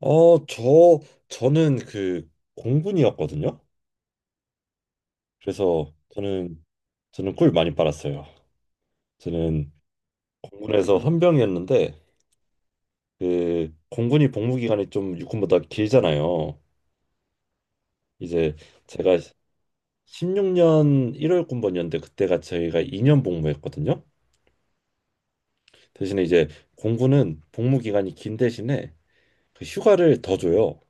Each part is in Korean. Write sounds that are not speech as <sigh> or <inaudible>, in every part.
어, 저 저는 그 공군이었거든요. 그래서 저는 꿀 많이 빨았어요. 저는 공군에서 헌병이었는데 그 공군이 복무 기간이 좀 육군보다 길잖아요. 이제 제가 16년 1월 군번이었는데 그때가 저희가 2년 복무했거든요. 대신에 이제 공군은 복무 기간이 긴 대신에 그 휴가를 더 줘요.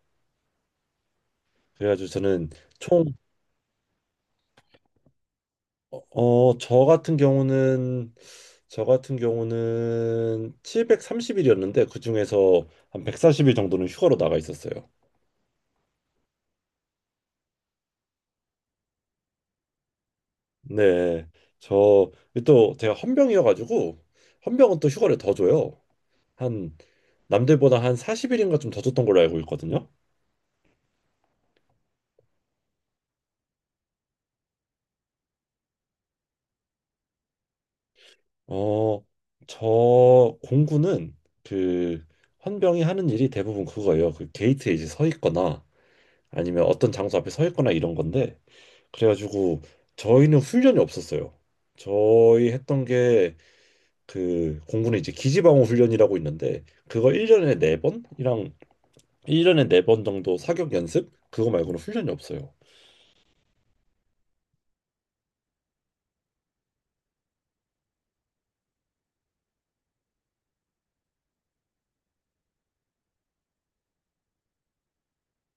그래가지고 저는 총 어, 저 같은 경우는 저 같은 경우는 730일이었는데 그중에서 한 140일 정도는 휴가로 나가 있었어요. 네. 저 또 제가 헌병이어 가지고 헌병은 또 휴가를 더 줘요. 한 남들보다 한 40일인가 좀 더 줬던 걸로 알고 있거든요. 어, 공군은 그 헌병이 하는 일이 대부분 그거예요. 그 게이트에 이제 서 있거나 아니면 어떤 장소 앞에 서 있거나 이런 건데 그래가지고 저희는 훈련이 없었어요. 저희 했던 게 그 공군에 이제 기지방어 훈련이라고 있는데 그거 1년에 4번이랑 1년에 4번 정도 사격 연습 그거 말고는 훈련이 없어요.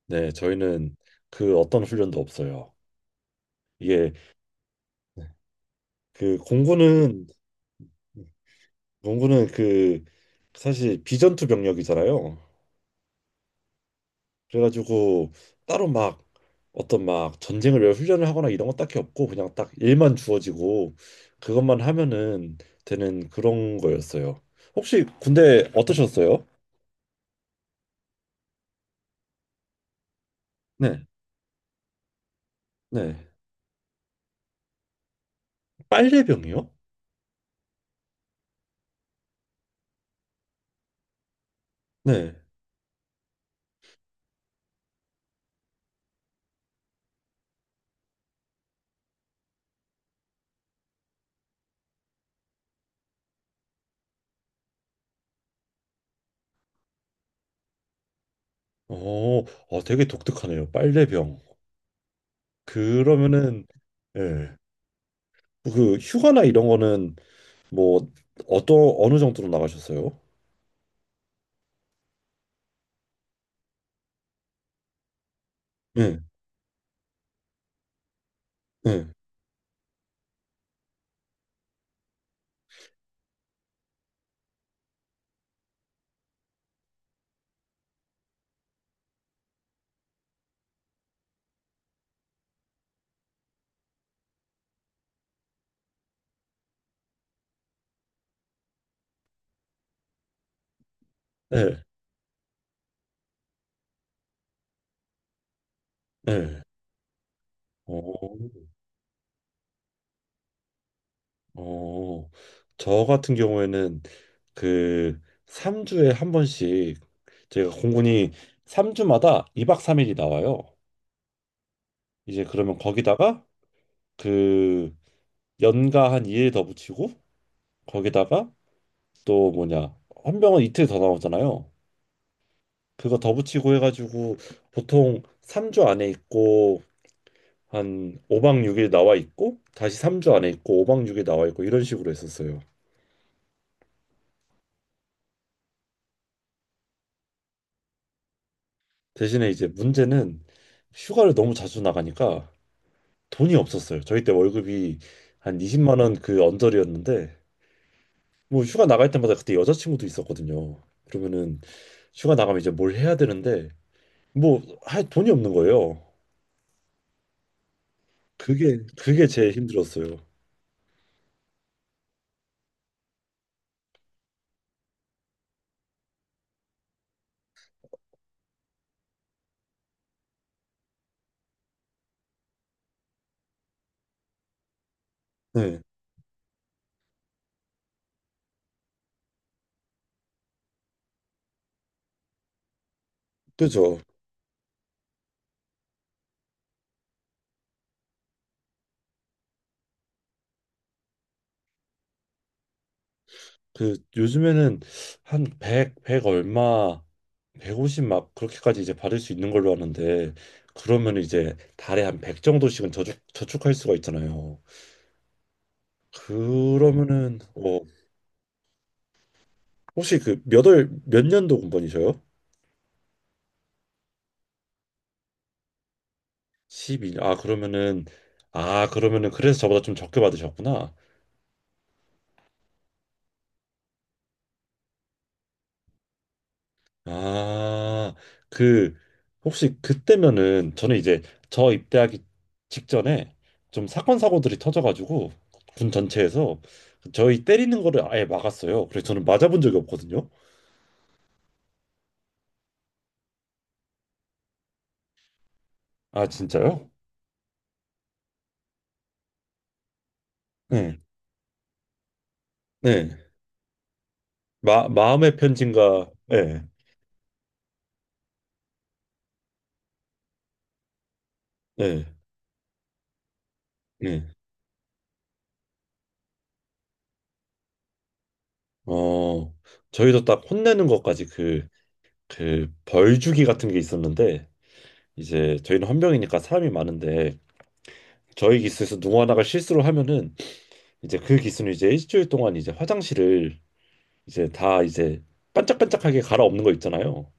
네, 저희는 그 어떤 훈련도 없어요. 이게 그 공군은 그 사실 비전투 병력이잖아요. 그래가지고 따로 막 어떤 막 전쟁을 위 훈련을 하거나 이런 거 딱히 없고 그냥 딱 일만 주어지고 그것만 하면은 되는 그런 거였어요. 혹시 군대 어떠셨어요? 네, 네. 빨래병이요? 네. 어, 되게 독특하네요. 빨래병. 그러면은 예. 그 휴가나 이런 거는 뭐 어떤 어느 정도로 나가셨어요? 네, 네, 네, 네. 어, 어, 저 같은 경우에는 그 3주에 한 번씩 제가 공군이 3주마다 2박 3일이 나와요. 이제 그러면 거기다가 그 연가 한 2일 더 붙이고 거기다가 또 뭐냐 헌병은 이틀 더 나오잖아요. 그거 더 붙이고 해가지고 보통 3주 안에 있고 한 5박 6일 나와 있고 다시 3주 안에 있고 5박 6일 나와 있고 이런 식으로 했었어요. 대신에 이제 문제는 휴가를 너무 자주 나가니까 돈이 없었어요. 저희 때 월급이 한 20만 원 그 언저리였는데 뭐 휴가 나갈 때마다 그때 여자친구도 있었거든요. 그러면은 휴가 나가면 이제 뭘 해야 되는데 뭐 할 돈이 없는 거예요. 그게 제일 힘들었어요. 네. 그죠. 그 요즘에는 한 100, 100 얼마 150 막 그렇게까지 이제 받을 수 있는 걸로 아는데 그러면 이제 달에 한 100 정도씩은 저축할 수가 있잖아요. 그러면은 혹시 그 몇월 몇 년도 공번이셔요? 12년. 아 그러면은 그래서 저보다 좀 적게 받으셨구나. 아 그 혹시 그때면은 저는 이제 저 입대하기 직전에 좀 사건 사고들이 터져가지고 군 전체에서 저희 때리는 거를 아예 막았어요. 그래서 저는 맞아본 적이 없거든요. 아 진짜요? 네. 네. 마 마음의 편지인가? 네. 네. 네. 어, 저희도 딱 혼내는 것까지 그 벌주기 같은 게 있었는데 이제 저희는 헌병이니까 사람이 많은데 저희 기수에서 누구 하나가 실수를 하면은 이제 그 기수는 이제 일주일 동안 이제 화장실을 이제 다 이제 반짝반짝하게 갈아엎는 거 있잖아요.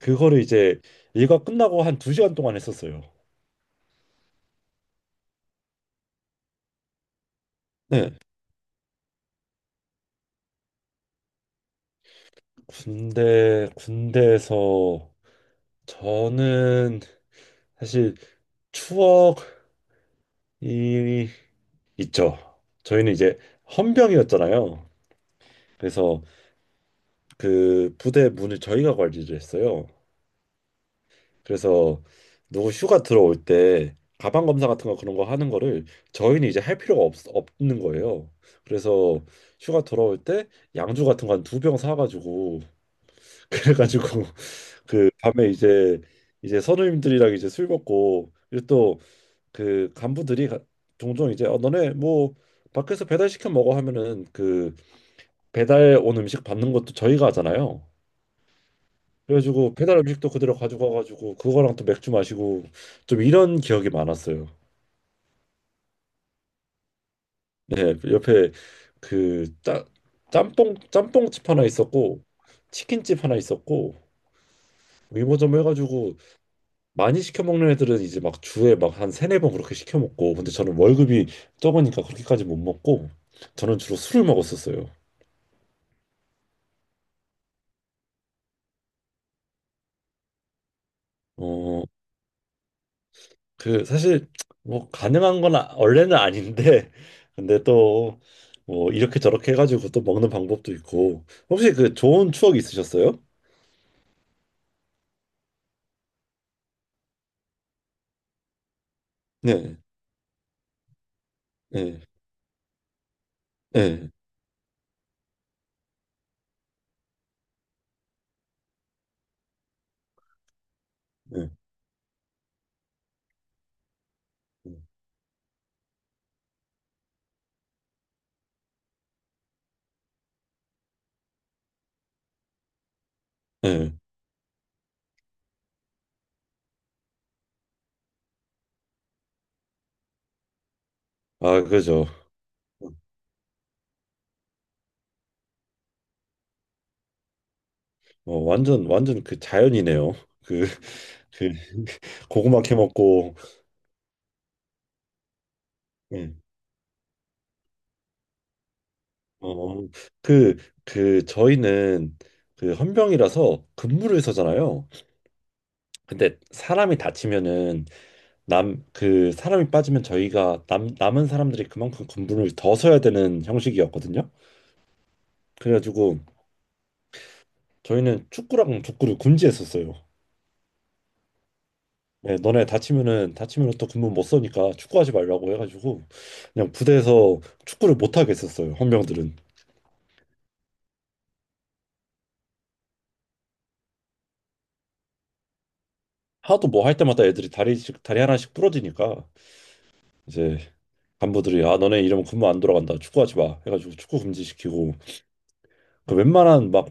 그거를 이제 일과 끝나고 한 두 시간 동안 했었어요. 네, 군대에서 저는 사실 추억이 있죠. 저희는 이제 헌병이었잖아요. 그래서 그 부대 문을 저희가 관리를 했어요. 그래서 누구 휴가 들어올 때 가방 검사 같은 거 그런 거 하는 거를 저희는 이제 할 필요가 없는 거예요. 그래서 휴가 돌아올 때 양주 같은 거 한 두 병 사가지고 <laughs> 그래가지고 그 밤에 이제 선우님들이랑 이제 술 먹고 그리고 또 그 간부들이 종종 이제 너네 뭐 밖에서 배달 시켜 먹어 하면은 그 배달 온 음식 받는 것도 저희가 하잖아요. 그래가지고 배달 음식도 그대로 가지고 와가지고 그거랑 또 맥주 마시고 좀 이런 기억이 많았어요. 네, 옆에 그 짬뽕집 하나 있었고 치킨집 하나 있었고 위모점 해가지고 많이 시켜 먹는 애들은 이제 막 주에 막 한 세네 번 그렇게 시켜 먹고 근데 저는 월급이 적으니까 그렇게까지 못 먹고 저는 주로 술을 먹었었어요. 어 그 사실 뭐 가능한 건 원래는 아닌데 <laughs> 근데 또 뭐 이렇게 저렇게 해가지고 또 먹는 방법도 있고 혹시 그 좋은 추억 있으셨어요? 네, 네, 네, 네, 네. 아 그죠. 완전 완전 그 자연이네요. 그 그 <laughs> 고구마 캐 먹고. 네. 어, 그 저희는 그 헌병이라서 근무를 서잖아요. 근데 사람이 다치면은 남 그 사람이 빠지면 저희가 남 남은 사람들이 그만큼 군분을 더 서야 되는 형식이었거든요. 그래가지고 저희는 축구랑 족구를 금지했었어요. 네, 너네 다치면은 또 군분 못 서니까 축구하지 말라고 해가지고 그냥 부대에서 축구를 못 하게 했었어요. 헌병들은 하도 뭐 할 때마다 애들이 다리 하나씩 부러지니까 이제 간부들이 아 너네 이러면 군무 안 돌아간다 축구하지 마 해가지고 축구 금지시키고 그 웬만한 막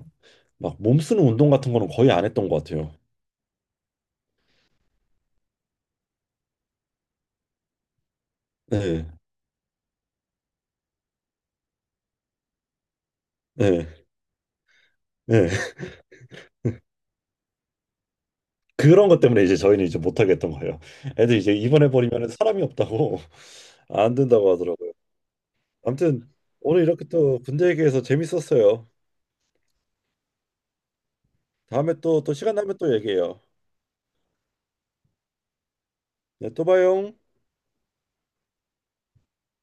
막 몸 쓰는 운동 같은 거는 거의 안 했던 것 같아요. 네. 네. 네. 그런 것 때문에 이제 저희는 이제 못하게 했던 거예요. 애들 이제 입원해 버리면 사람이 없다고 <laughs> 안 된다고 하더라고요. 아무튼 오늘 이렇게 또 군대 얘기해서 재밌었어요. 다음에 또 또 시간 나면 또 얘기해요. 네, 또 봐요.